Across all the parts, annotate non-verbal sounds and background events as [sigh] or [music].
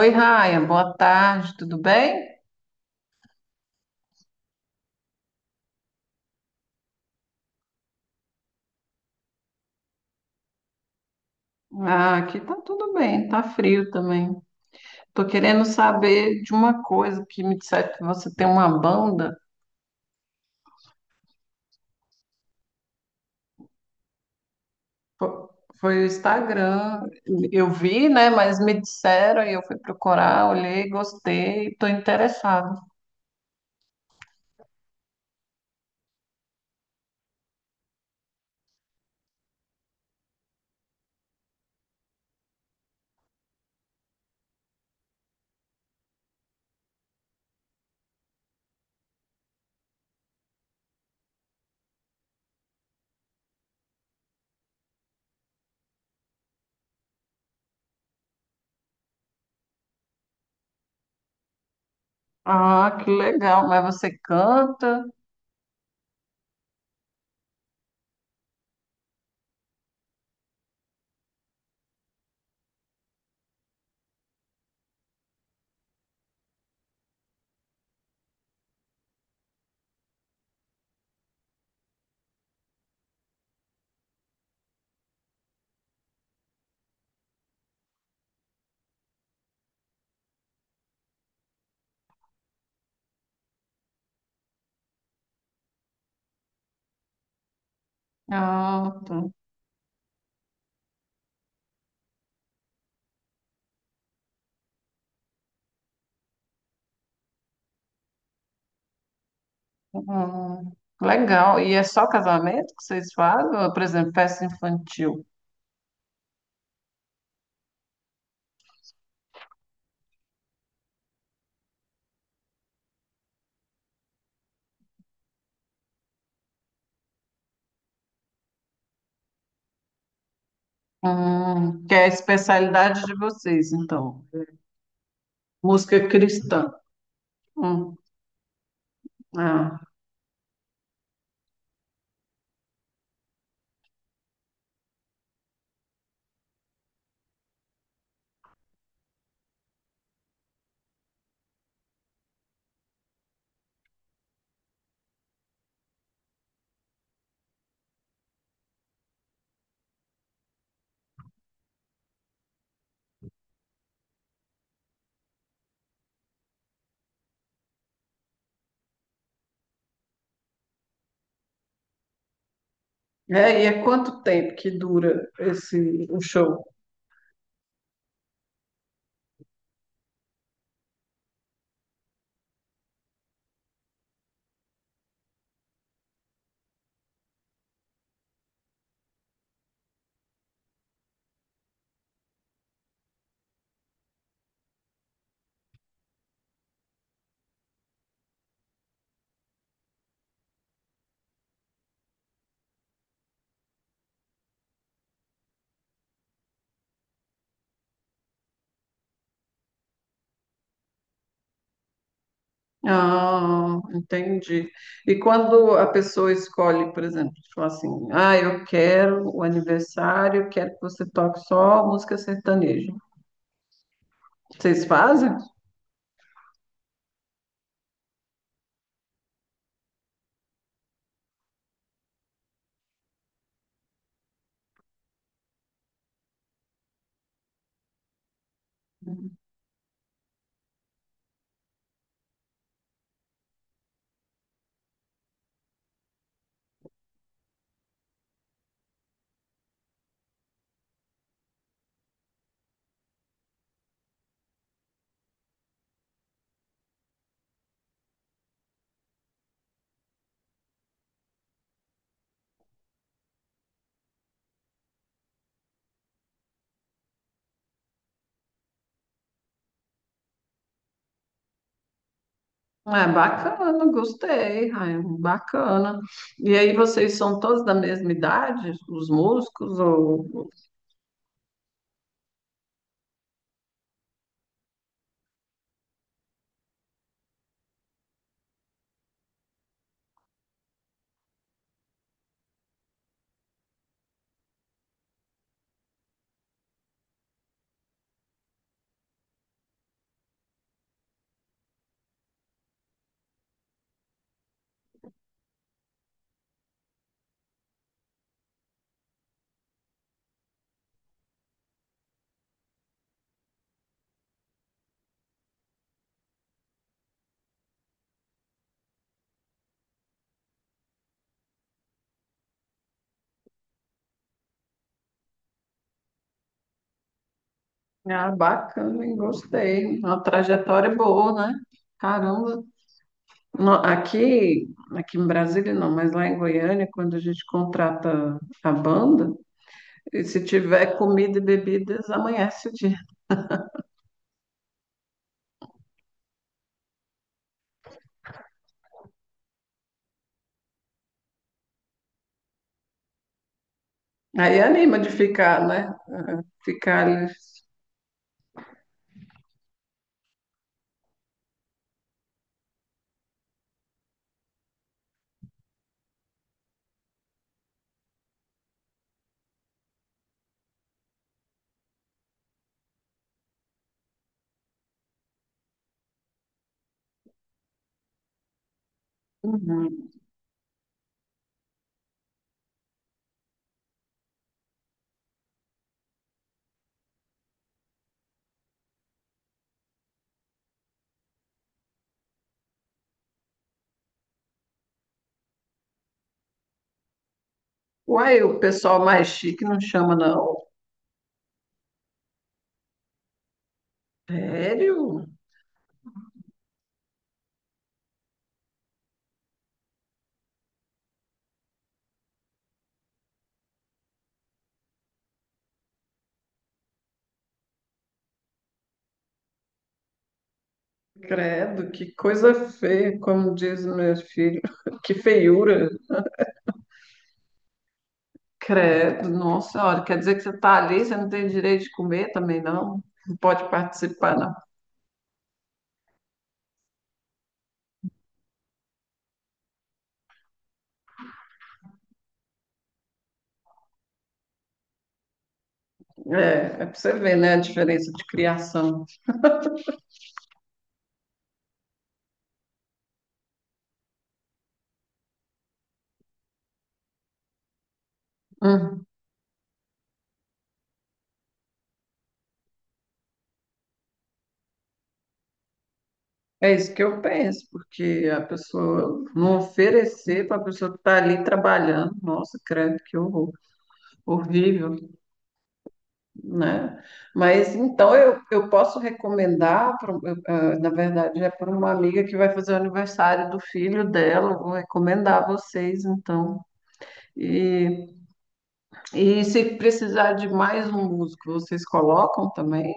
Oi, Ryan, boa tarde, tudo bem? Ah, aqui tá tudo bem, tá frio também. Tô querendo saber de uma coisa que me disseram que você tem uma banda. Fo- Foi, o Instagram, eu vi, né, mas me disseram e eu fui procurar, olhei, gostei, tô interessada. Ah, que legal, mas você canta? Ah, tá. Hum, legal. E é só casamento que vocês fazem? Ou, por exemplo, festa infantil? Que é a especialidade de vocês, então. Música cristã. Hum, ah. É, e é quanto tempo que dura esse o show? Ah, entendi. E quando a pessoa escolhe, por exemplo, tipo assim, ah, eu quero o aniversário, eu quero que você toque só música sertaneja. Vocês fazem? É bacana, gostei, Ryan, bacana. E aí vocês são todos da mesma idade, os músicos, ou... Ah, bacana, hein? Gostei. Uma trajetória boa, né? Caramba. Aqui, aqui em Brasília não, mas lá em Goiânia, quando a gente contrata a banda, e se tiver comida e bebidas, amanhece o dia. Aí anima de ficar, né? Ah, ficar ali. Uhum. Uai, o pessoal mais chique não chama, não. Sério? Credo, que coisa feia, como diz meu filho. [laughs] Que feiura. Credo, nossa, olha, quer dizer que você está ali, você não tem direito de comer também, não? Não pode participar, não. É, é para você ver, né, a diferença de criação. Hum, é isso que eu penso, porque a pessoa não oferecer para a pessoa que está ali trabalhando, nossa, credo, que horror, horrível, né? Mas então eu posso recomendar, na verdade, é para uma amiga que vai fazer o aniversário do filho dela, eu vou recomendar a vocês, então. E E se precisar de mais um músico, vocês colocam também?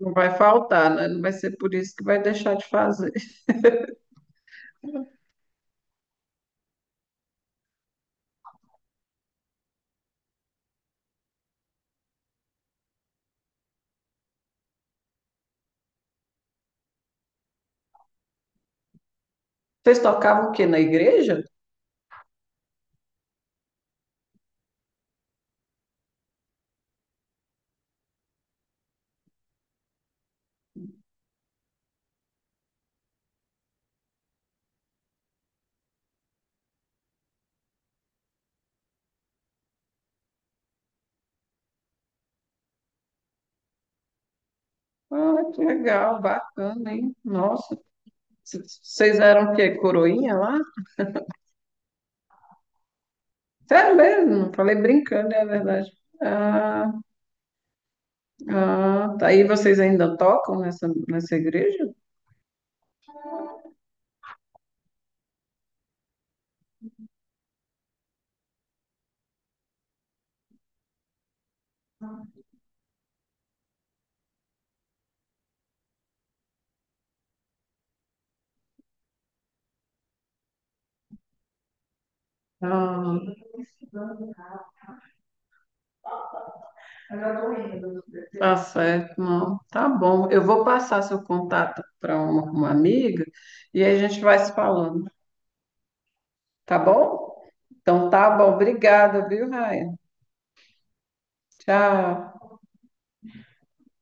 Não vai faltar, né? Não vai ser por isso que vai deixar de fazer. Vocês tocavam o quê? Na igreja? Ah, que legal, bacana, hein? Nossa, vocês eram o quê? Coroinha lá? Sério mesmo? Falei brincando, é verdade. Ah, ah, tá. E vocês ainda tocam nessa igreja? Ah, tá certo, não. Tá bom. Eu vou passar seu contato para uma amiga e aí a gente vai se falando. Tá bom? Então tá bom. Obrigada, viu, Raia? Tchau.